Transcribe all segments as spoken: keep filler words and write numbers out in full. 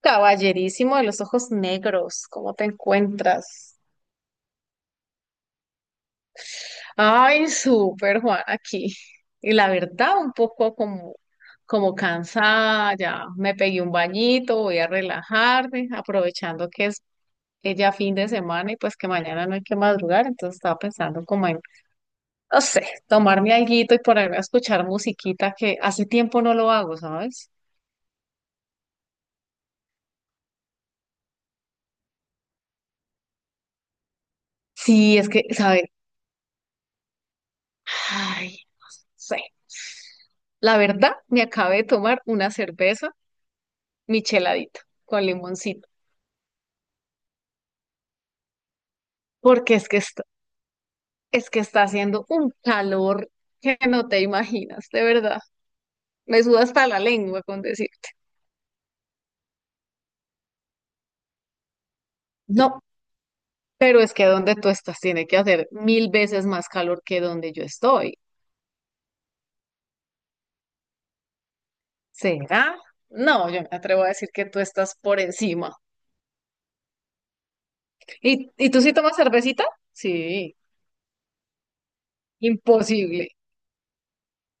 Caballerísimo de los ojos negros, ¿cómo te encuentras? Ay, súper, Juan, aquí. Y la verdad, un poco como, como cansada, ya me pegué un bañito, voy a relajarme, aprovechando que es que ya fin de semana y pues que mañana no hay que madrugar, entonces estaba pensando como en, no sé, tomarme alguito y ponerme a escuchar musiquita que hace tiempo no lo hago, ¿sabes? Sí, es que, ¿sabes? Sí. La verdad, me acabé de tomar una cerveza micheladita con limoncito, porque es que está, es que está haciendo un calor que no te imaginas, de verdad. Me suda hasta la lengua con decirte. No, pero es que donde tú estás tiene que hacer mil veces más calor que donde yo estoy. ¿Será? No, yo me atrevo a decir que tú estás por encima. ¿Y, y tú sí tomas cervecita? Sí, imposible,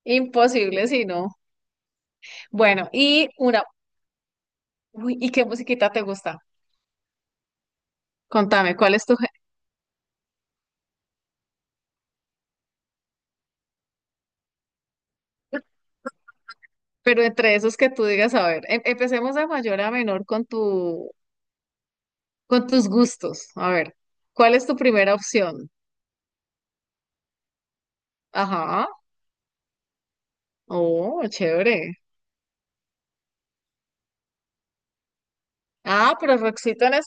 imposible si no. Bueno, y una Uy, ¿y qué musiquita te gusta? Contame, ¿cuál es tu gé- pero entre esos que tú digas, a ver, em- empecemos de mayor a menor con tu, con tus gustos. A ver, ¿cuál es tu primera opción? Ajá. Oh, chévere. Ah, pero Roxito en es,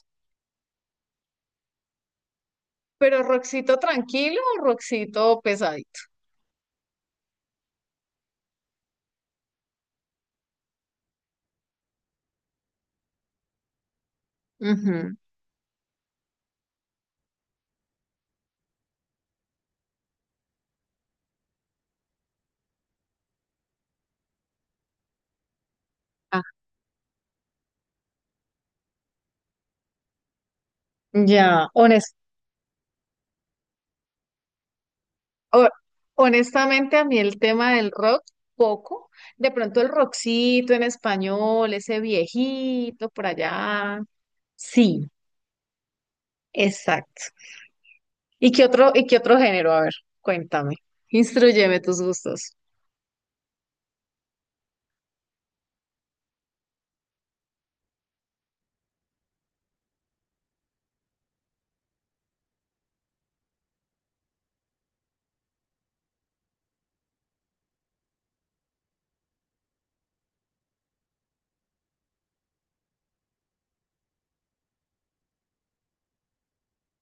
pero Roxito tranquilo o Roxito pesadito. Ujú. Ah, ya, hones- ho- honestamente a mí el tema del rock, poco. De pronto el Roxito en español, ese viejito por allá. Sí. Exacto. ¿Y qué otro, y qué otro género? A ver, cuéntame. Instruyeme tus gustos.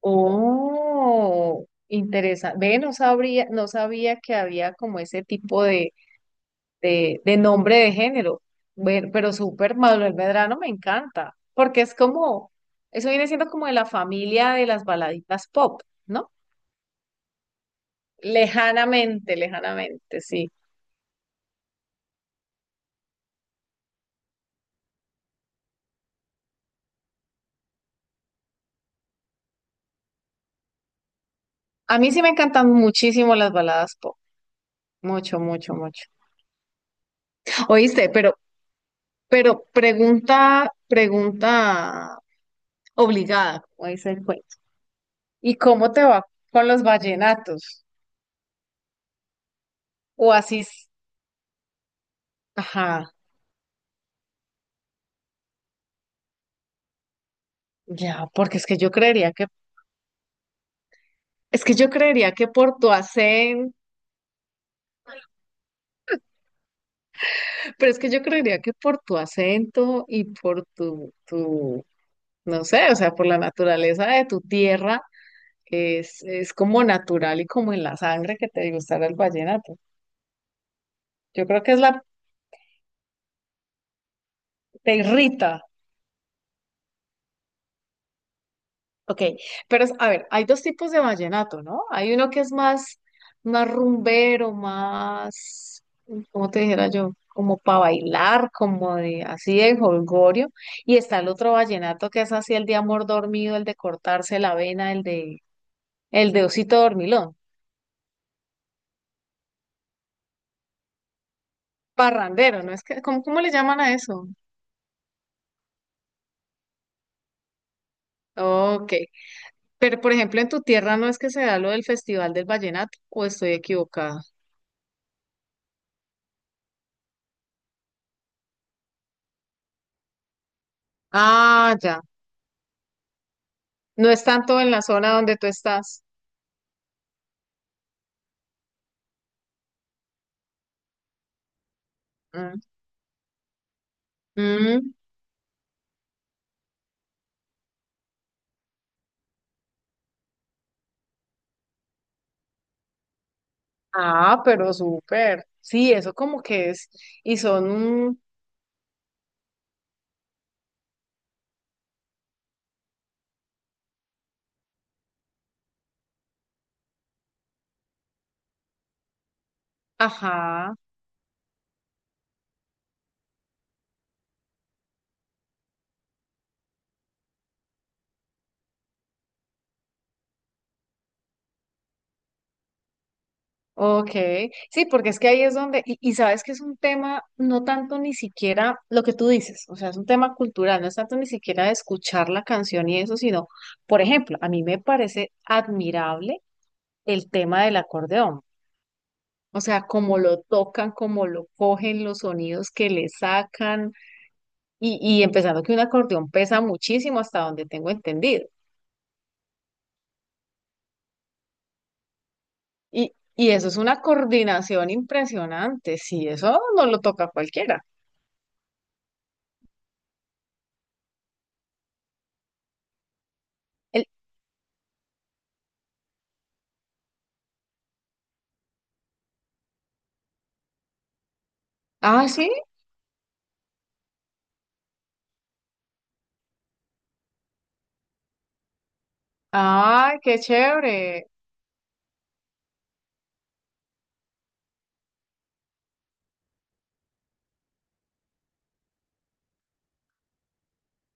Oh, interesante. Ve, no sabría, no sabía que había como ese tipo de, de, de nombre de género. Bueno, pero súper, Manuel Medrano me encanta, porque es como, eso viene siendo como de la familia de las baladitas pop, ¿no? Lejanamente, lejanamente, sí. A mí sí me encantan muchísimo las baladas pop. Mucho, mucho, mucho. Oíste, pero Pero pregunta, pregunta obligada, como dice el cuento. ¿Y cómo te va con los vallenatos? O así, s- ajá, ya, porque es que yo creería que, es que yo creería que por tu acento, pero es que yo creería que por tu acento y por tu, tu, no sé, o sea, por la naturaleza de tu tierra, es, es como natural y como en la sangre que te gustará el vallenato. Yo creo que es la, te irrita. Ok, pero a ver, hay dos tipos de vallenato, ¿no? Hay uno que es más, más rumbero, más, ¿cómo te dijera yo? Como para bailar, como de así de jolgorio. Y está el otro vallenato que es así el de amor dormido, el de cortarse la vena, el de, el de osito dormilón. Parrandero, ¿no? Es que, ¿cómo, cómo le llaman a eso? Ok, pero por ejemplo en tu tierra no es que se da lo del Festival del Vallenato, o estoy equivocada. Ah, ya. No es tanto en la zona donde tú estás. Mm, mm. Ah, pero súper. Sí, eso como que es. Y son un... Ajá, ok. Sí, porque es que ahí es donde... Y, y sabes que es un tema, no tanto ni siquiera lo que tú dices, o sea, es un tema cultural, no es tanto ni siquiera de escuchar la canción y eso, sino, por ejemplo, a mí me parece admirable el tema del acordeón. O sea, cómo lo tocan, cómo lo cogen, los sonidos que le sacan, y, y empezando que un acordeón pesa muchísimo hasta donde tengo entendido. Y, y eso es una coordinación impresionante. Sí, eso no lo toca a cualquiera. El, ah, sí. Ay, qué chévere.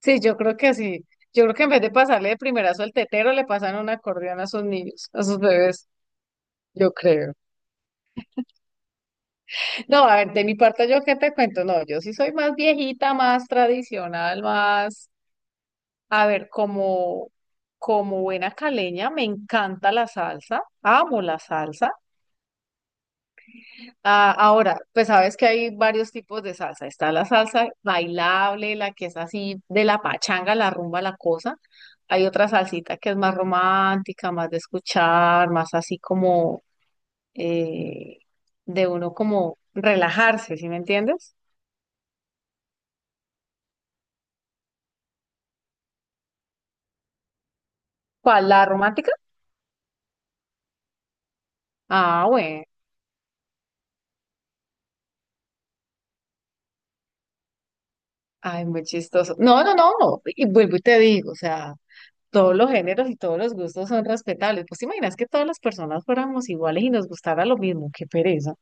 Sí, yo creo que sí. Yo creo que en vez de pasarle de primerazo al tetero, le pasan un acordeón a sus niños, a sus bebés. Yo creo. No, a ver, de mi parte, ¿yo qué te cuento? No, yo sí soy más viejita, más tradicional, más, a ver, como, como buena caleña, me encanta la salsa, amo la salsa. Ah, ahora, pues sabes que hay varios tipos de salsa. Está la salsa bailable, la que es así de la pachanga, la rumba, la cosa. Hay otra salsita que es más romántica, más de escuchar, más así como eh, de uno como relajarse, ¿sí me entiendes? ¿Cuál? ¿La romántica? Ah, bueno. Ay, muy chistoso. No, no, no, no. Y vuelvo y te digo, o sea, todos los géneros y todos los gustos son respetables. Pues te imaginas que todas las personas fuéramos iguales y nos gustara lo mismo. Qué pereza.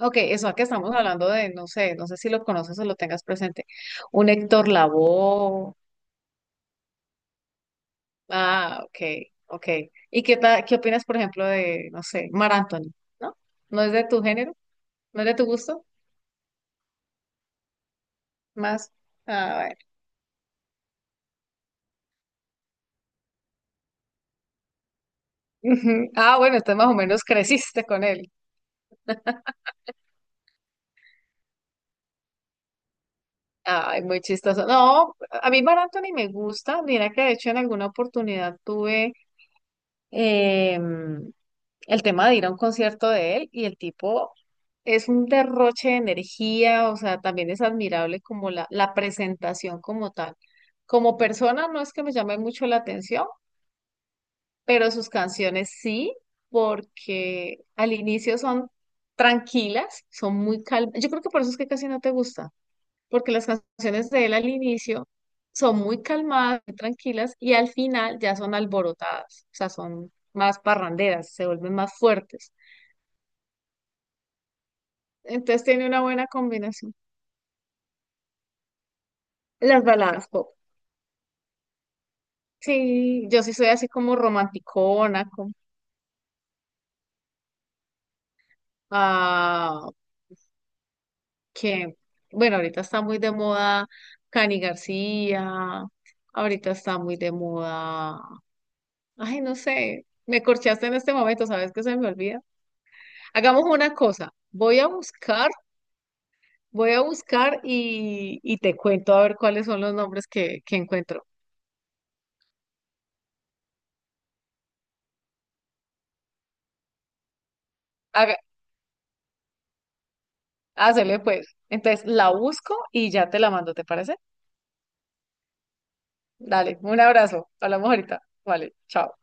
Ok, eso que estamos hablando de, no sé, no sé si lo conoces o lo tengas presente. Un Héctor Lavoe. Ah, ok, ok. ¿Y qué ta- qué opinas, por ejemplo, de, no sé, Mar Anthony? ¿No? ¿No es de tu género? ¿No es de tu gusto? Más. Ah, bueno. Ujú. Ah, bueno, entonces más o menos creciste con él. Ay, muy chistoso. No, a mí Mar Anthony me gusta. Mira que de hecho en alguna oportunidad tuve, em, el tema de ir a un concierto de él y el tipo es un derroche de energía, o sea, también es admirable como la, la presentación como tal. Como persona no es que me llame mucho la atención, pero sus canciones sí, porque al inicio son tranquilas, son muy calmas. Yo creo que por eso es que casi no te gusta, porque las canciones de él al inicio son muy calmadas, muy tranquilas, y al final ya son alborotadas, o sea, son más parranderas, se vuelven más fuertes. Entonces tiene una buena combinación. Las baladas pop. Sí, yo sí soy así como romanticona, como, ah, que, bueno, ahorita está muy de moda Cani García, ahorita está muy de moda, ay, no sé, me corchaste en este momento, ¿sabes qué se me olvida? Hagamos una cosa, voy a buscar, voy a buscar y, y te cuento a ver cuáles son los nombres que, que encuentro. Haga, hácele pues. Entonces la busco y ya te la mando, ¿te parece? Dale, un abrazo. Hablamos ahorita. Vale, chao.